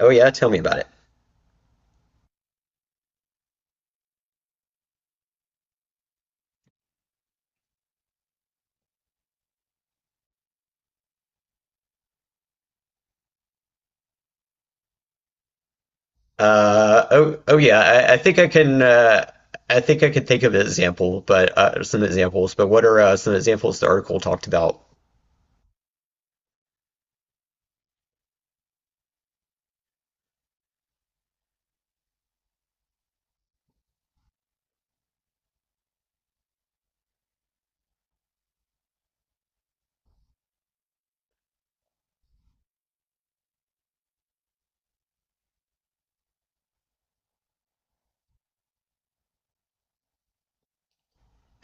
Oh yeah, tell me about it. Oh yeah, I think I can. I think I can think of an example, but some examples. But what are some examples the article talked about?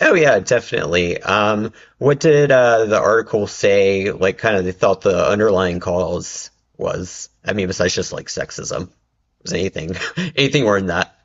Oh yeah, definitely. What did the article say? Like, kind of, they thought the underlying cause was. I mean, besides just like sexism, was anything anything more than that?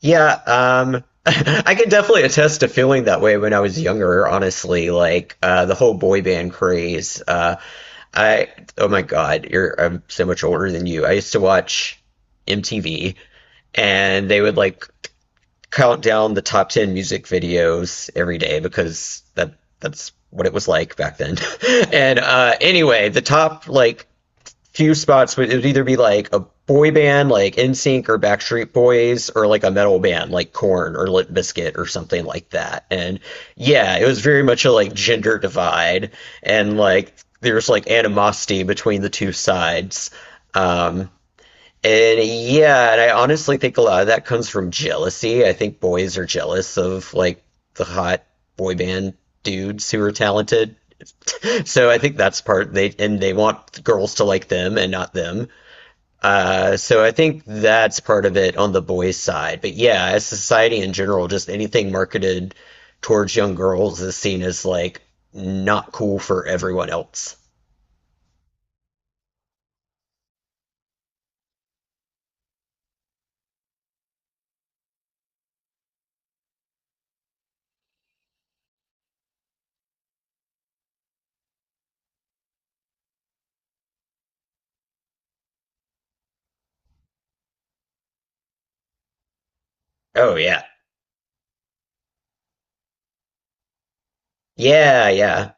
Yeah, I can definitely attest to feeling that way when I was younger, honestly. Like the whole boy band craze. I oh my God, you're I'm so much older than you. I used to watch MTV, and they would like count down the top 10 music videos every day because that's what it was like back then. And anyway, the top like few spots where it would either be like a boy band like NSYNC or Backstreet Boys or like a metal band like Korn or Limp Bizkit or something like that. And yeah, it was very much a like gender divide, and like there's like animosity between the two sides. Um, and yeah, and I honestly think a lot of that comes from jealousy. I think boys are jealous of like the hot boy band dudes who are talented. So I think that's part they want girls to like them and not them. So I think that's part of it on the boys' side. But yeah, as society in general, just anything marketed towards young girls is seen as like not cool for everyone else. Oh yeah. Yeah, yeah.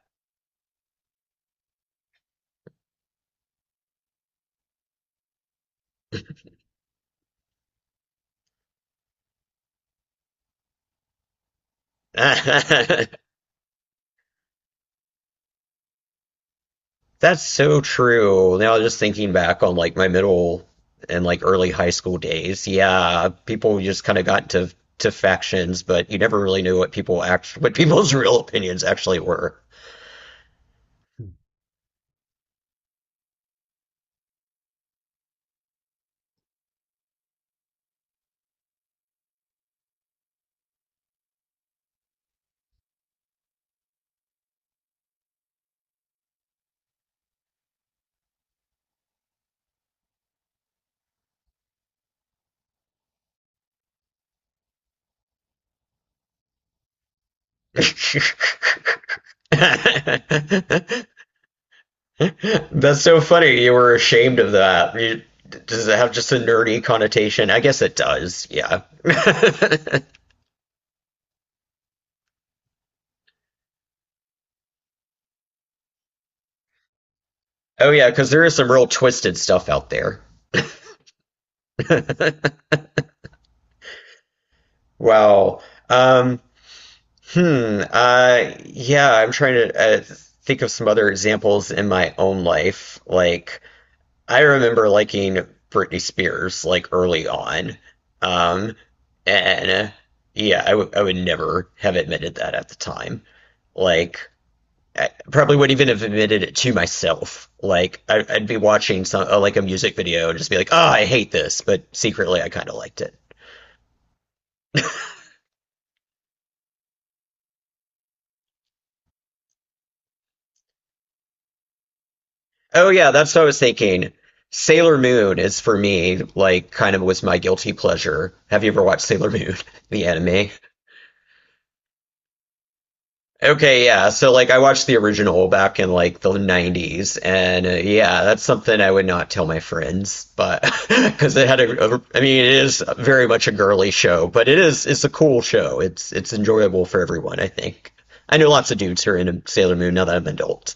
That's so true. Now just thinking back on like my middle and like early high school days, yeah, people just kind of got into to factions, but you never really knew what people act what people's real opinions actually were. That's so funny. You were ashamed of that. You, does it have just a nerdy connotation? I guess it does. Yeah. Oh yeah, because there is some real twisted stuff out there. Wow. Um, hmm. Yeah, I'm trying to think of some other examples in my own life. Like, I remember liking Britney Spears like early on. Um, and yeah, I would never have admitted that at the time. Like I probably wouldn't even have admitted it to myself. Like I'd be watching some like a music video and just be like, "Ah, I hate this," but secretly I kind of liked it. Oh yeah, that's what I was thinking. Sailor Moon is for me like kind of was my guilty pleasure. Have you ever watched Sailor Moon, the anime? Okay, yeah. So like I watched the original back in like the 90s and yeah, that's something I would not tell my friends, but because it had a I mean it is very much a girly show, but it's a cool show. It's enjoyable for everyone, I think. I know lots of dudes who are into Sailor Moon now that I'm an adult.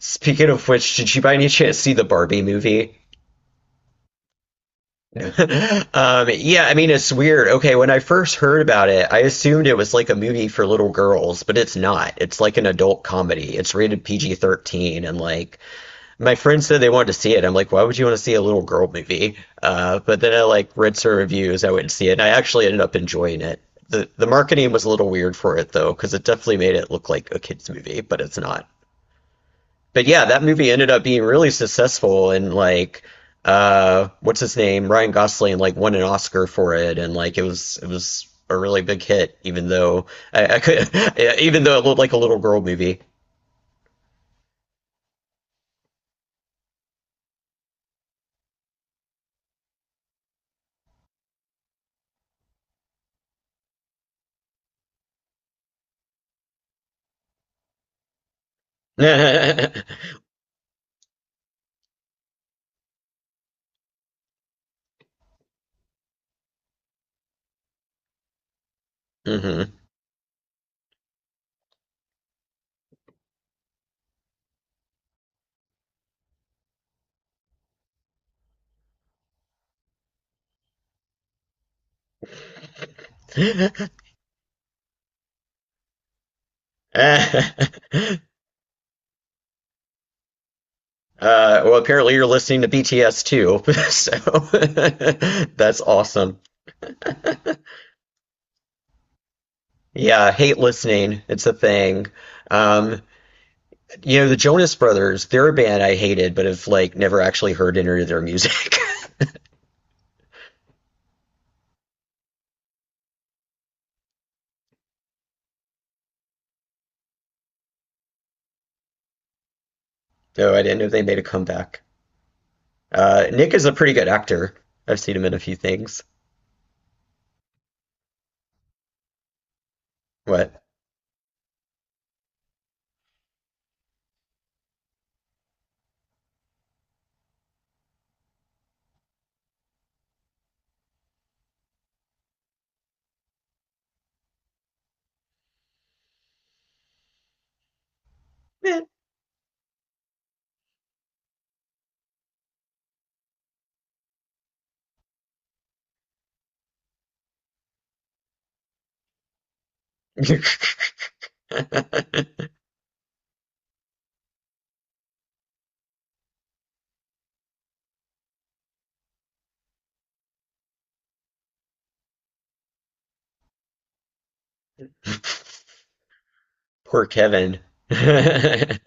Speaking of which, did you by any chance see the Barbie movie? Yeah, I mean, it's weird. Okay, when I first heard about it, I assumed it was like a movie for little girls, but it's not. It's like an adult comedy. It's rated PG-13, and like my friends said they wanted to see it. I'm like, why would you want to see a little girl movie? But then I like read some reviews, I went and see it, and I actually ended up enjoying it. The marketing was a little weird for it though, because it definitely made it look like a kids movie, but it's not, but yeah, that movie ended up being really successful and like what's his name, Ryan Gosling like won an Oscar for it, and like it was a really big hit even though I could even though it looked like a little girl movie. hmm uh, well apparently you're listening to BTS too. So that's awesome. Yeah, hate listening. It's a thing. Um You know, the Jonas Brothers, they're a band I hated, but have like never actually heard any of their music. So I didn't know they made a comeback. Nick is a pretty good actor. I've seen him in a few things. What? Poor Kevin.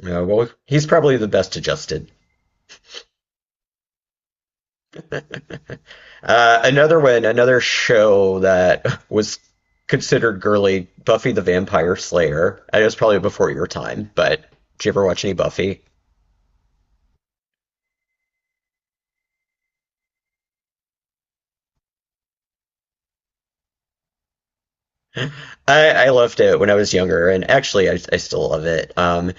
No, well, he's probably the best adjusted. Another one, another show that was considered girly, Buffy the Vampire Slayer. I know it's probably before your time, but did you ever watch any Buffy? I loved it when I was younger, and actually, I still love it.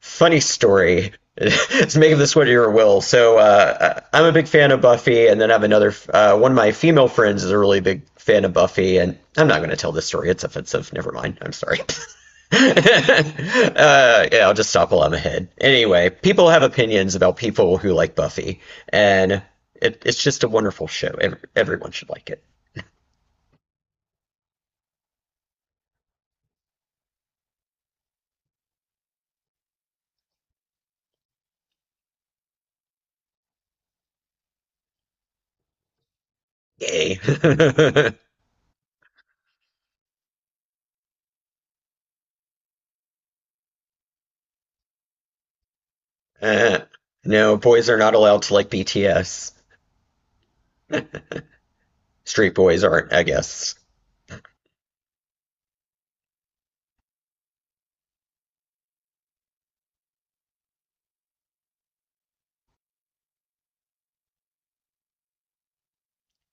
Funny story. It's making this what your will. So I- am a big fan of Buffy, and then I have another one of my female friends is a really big fan of Buffy, and I'm not going to tell this story. It's offensive. Never mind. I'm sorry. uh, yeah, I'll just stop while I'm ahead. Anyway, people have opinions about people who like Buffy, and it's just a wonderful show. Everyone should like it. Yay. Uh, no, boys are not allowed to like BTS. Straight boys aren't, I guess.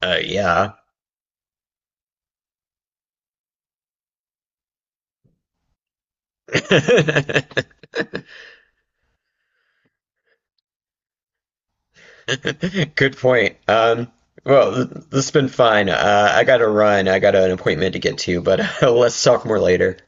Yeah. Good point. Well, this has been fine. I gotta run. I got an appointment to get to, but let's talk more later.